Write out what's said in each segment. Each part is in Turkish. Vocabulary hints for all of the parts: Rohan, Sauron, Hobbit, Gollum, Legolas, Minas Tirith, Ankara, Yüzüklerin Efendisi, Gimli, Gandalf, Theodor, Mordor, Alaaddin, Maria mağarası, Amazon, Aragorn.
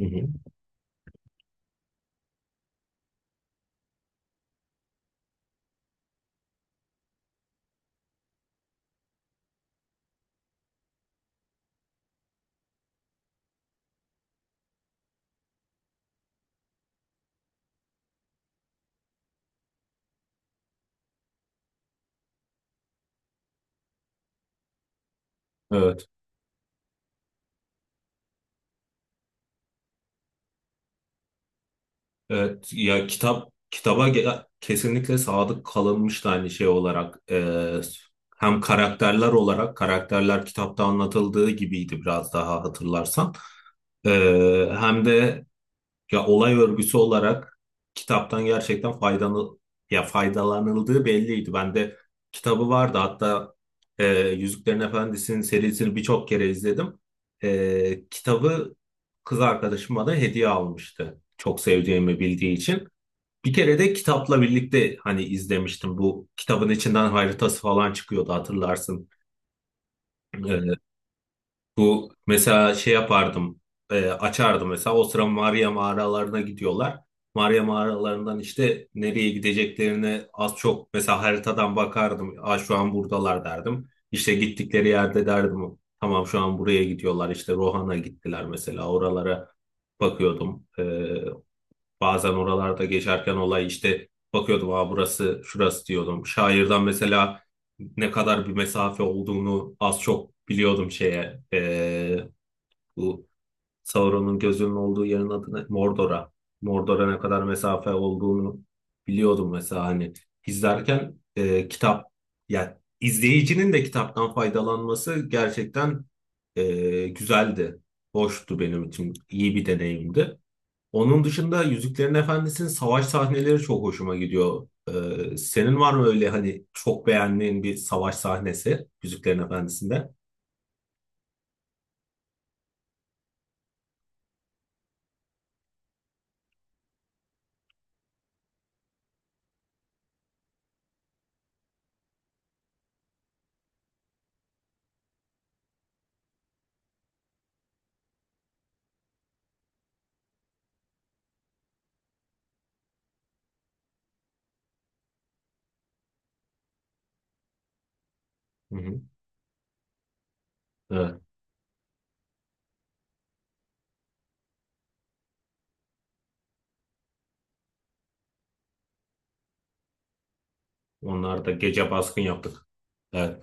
Hı hı. Evet. Evet. Ya kesinlikle sadık kalınmış da aynı şey olarak hem karakterler olarak karakterler kitapta anlatıldığı gibiydi biraz daha hatırlarsan. E, Hem de olay örgüsü olarak kitaptan gerçekten faydalı ya faydalanıldığı belliydi. Ben de kitabı vardı. Hatta Yüzüklerin Efendisi'nin serisini birçok kere izledim. Kitabı kız arkadaşım bana hediye almıştı. Çok seveceğimi bildiği için. Bir kere de kitapla birlikte hani izlemiştim. Bu kitabın içinden haritası falan çıkıyordu hatırlarsın. E, Bu mesela şey yapardım, açardım mesela o sıra Maria mağaralarına gidiyorlar. Maria mağaralarından işte nereye gideceklerini az çok mesela haritadan bakardım. Aa, şu an buradalar derdim. İşte gittikleri yerde derdim. Tamam şu an buraya gidiyorlar. İşte Rohan'a gittiler mesela oralara bakıyordum. Bazen oralarda geçerken olay işte bakıyordum, ha burası şurası diyordum. Şairden mesela ne kadar bir mesafe olduğunu az çok biliyordum şeye. Bu Sauron'un gözünün olduğu yerin adı ne? Mordor'a. Mordor'a ne kadar mesafe olduğunu biliyordum mesela hani izlerken kitap yani izleyicinin de kitaptan faydalanması gerçekten güzeldi. Hoştu benim için. İyi bir deneyimdi. Onun dışında Yüzüklerin Efendisi'nin savaş sahneleri çok hoşuma gidiyor. Senin var mı öyle hani çok beğendiğin bir savaş sahnesi Yüzüklerin Efendisi'nde? Hı hı. Evet. Onlar da gece baskın yaptık. Evet.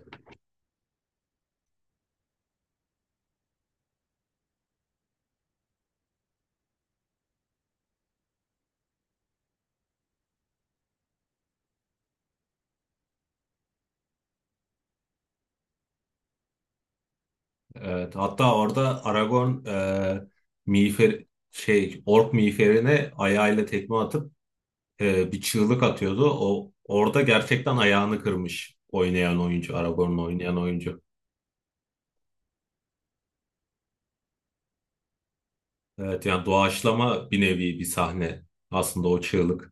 Evet. Hatta orada Aragorn miğfer şey ork miğferine ayağıyla tekme atıp bir çığlık atıyordu. O orada gerçekten ayağını kırmış oynayan oyuncu, Aragorn'u oynayan oyuncu. Evet, yani doğaçlama bir nevi bir sahne aslında o çığlık.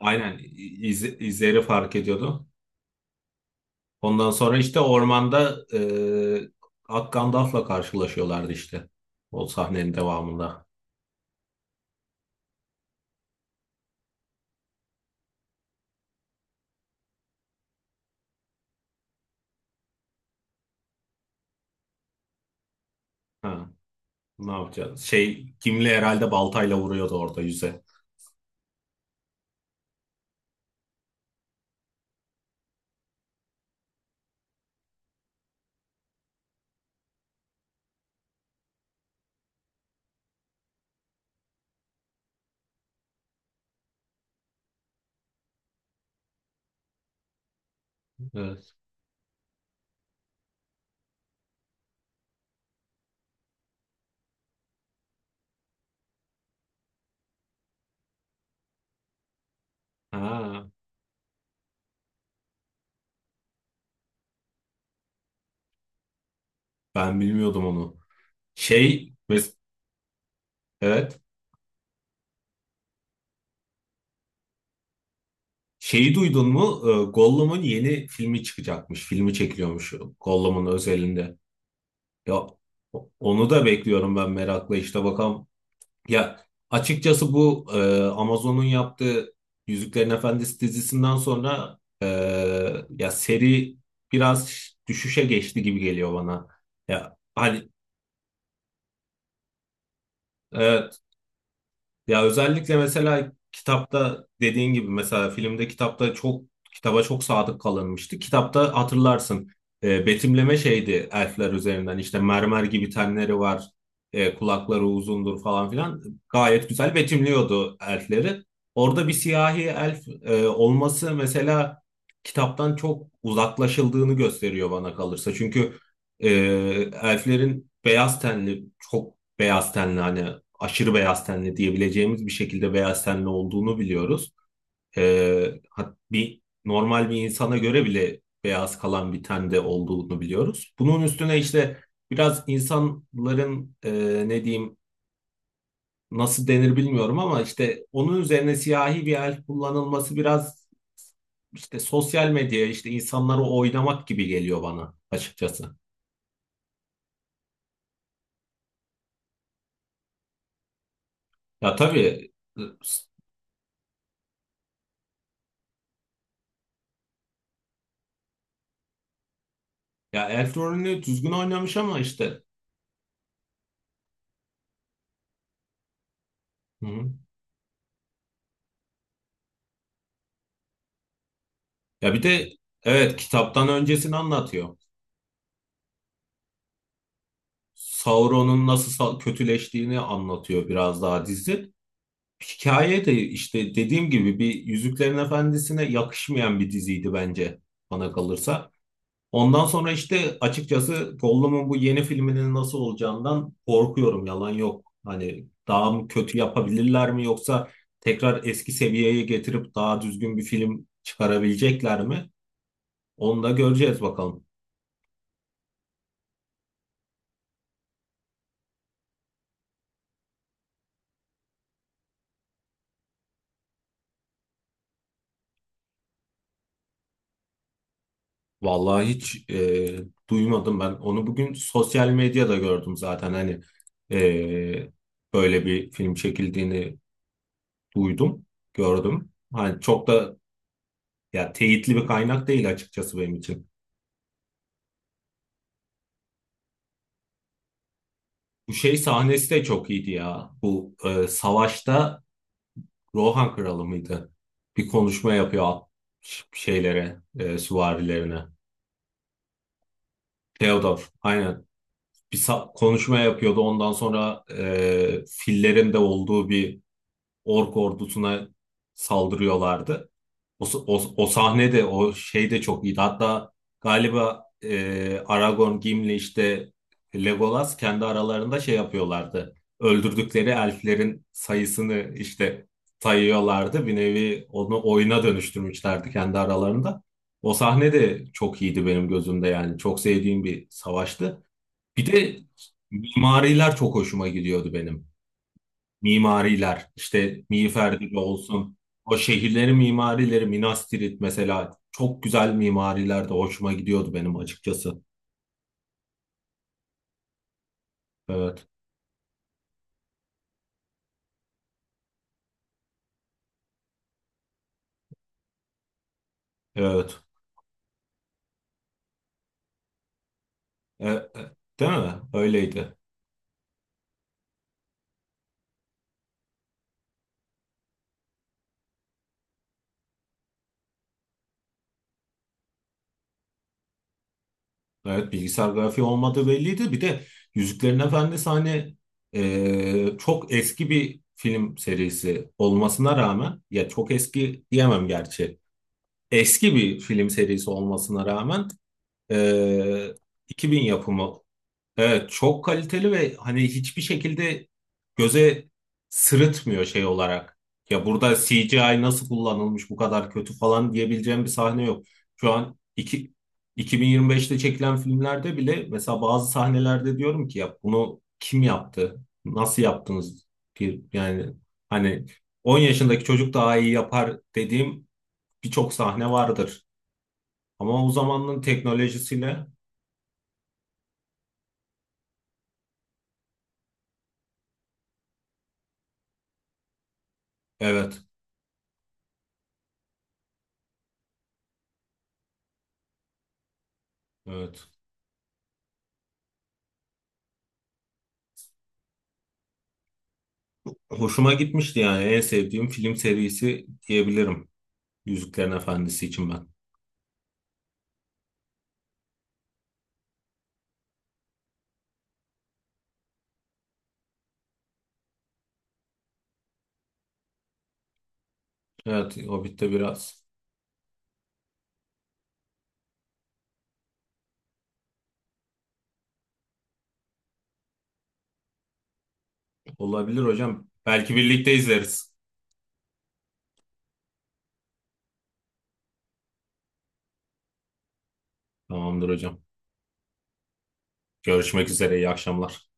Aynen, izleri fark ediyordu. Ondan sonra işte ormanda Ak Gandalf'la karşılaşıyorlardı işte o sahnenin devamında. Ha. Ne yapacağız? Şey Gimli herhalde baltayla vuruyordu orada yüze. Evet. Ha, ben bilmiyordum onu. Şey mes- evet. Şeyi duydun mu? Gollum'un yeni filmi çıkacakmış. Filmi çekiliyormuş Gollum'un özelinde. Ya onu da bekliyorum ben merakla. İşte bakalım. Ya açıkçası bu Amazon'un yaptığı Yüzüklerin Efendisi dizisinden sonra ya seri biraz düşüşe geçti gibi geliyor bana. Ya hani e, ya özellikle mesela kitapta dediğin gibi mesela filmde kitapta çok kitaba çok sadık kalınmıştı. Kitapta hatırlarsın betimleme şeydi, elfler üzerinden işte mermer gibi tenleri var, kulakları uzundur falan filan, gayet güzel betimliyordu elfleri. Orada bir siyahi elf olması mesela kitaptan çok uzaklaşıldığını gösteriyor bana kalırsa. Çünkü e, elflerin beyaz tenli hani aşırı beyaz tenli diyebileceğimiz bir şekilde beyaz tenli olduğunu biliyoruz. Bir normal bir insana göre bile beyaz kalan bir tende olduğunu biliyoruz. Bunun üstüne işte biraz insanların e, ne diyeyim nasıl denir bilmiyorum, ama işte onun üzerine siyahi bir el kullanılması biraz işte sosyal medyaya işte insanları oynamak gibi geliyor bana açıkçası. Ya tabii, ya Elf rolünü düzgün oynamış ama işte. Hı hı. Ya bir de evet, kitaptan öncesini anlatıyor. Sauron'un nasıl kötüleştiğini anlatıyor biraz daha dizi. Hikaye de işte dediğim gibi bir Yüzüklerin Efendisi'ne yakışmayan bir diziydi bence, bana kalırsa. Ondan sonra işte açıkçası Gollum'un bu yeni filminin nasıl olacağından korkuyorum, yalan yok. Hani daha mı kötü yapabilirler mi, yoksa tekrar eski seviyeye getirip daha düzgün bir film çıkarabilecekler mi? Onu da göreceğiz bakalım. Vallahi hiç duymadım ben. Onu bugün sosyal medyada gördüm zaten. Hani e, böyle bir film çekildiğini duydum, gördüm. Hani çok da ya, teyitli bir kaynak değil açıkçası benim için. Bu şey sahnesi de çok iyiydi ya. Bu savaşta Rohan kralı mıydı? Bir konuşma yapıyor şeylere, süvarilerine. Theodor, aynen. Bir konuşma yapıyordu. Ondan sonra fillerin de olduğu bir ork ordusuna saldırıyorlardı. O sahne de o şey de çok iyiydi. Hatta galiba Aragorn, Gimli işte Legolas kendi aralarında şey yapıyorlardı. Öldürdükleri elflerin sayısını işte sayıyorlardı. Bir nevi onu oyuna dönüştürmüşlerdi kendi aralarında. O sahne de çok iyiydi benim gözümde yani. Çok sevdiğim bir savaştı. Bir de mimariler çok hoşuma gidiyordu benim. Mimariler, işte Miğfer olsun. O şehirlerin mimarileri, Minas Tirith mesela, çok güzel mimariler de hoşuma gidiyordu benim açıkçası. Evet, evet. E, e, değil mi? Öyleydi. Evet, bilgisayar grafiği olmadığı belliydi. Bir de Yüzüklerin Efendisi hani çok eski bir film serisi olmasına rağmen, ya çok eski diyemem gerçi, eski bir film serisi olmasına rağmen e, 2000 yapımı. Evet, çok kaliteli ve hani hiçbir şekilde göze sırıtmıyor şey olarak. Ya burada CGI nasıl kullanılmış bu kadar kötü falan diyebileceğim bir sahne yok. Şu an iki, 2025'te çekilen filmlerde bile mesela bazı sahnelerde diyorum ki ya bunu kim yaptı? Nasıl yaptınız? Yani hani 10 yaşındaki çocuk daha iyi yapar dediğim birçok sahne vardır. Ama o zamanın teknolojisiyle evet, evet. Hoşuma gitmişti, yani en sevdiğim film serisi diyebilirim. Yüzüklerin Efendisi için ben. Evet, Hobbit'te biraz olabilir hocam. Belki birlikte izleriz. Tamamdır hocam. Görüşmek üzere, iyi akşamlar.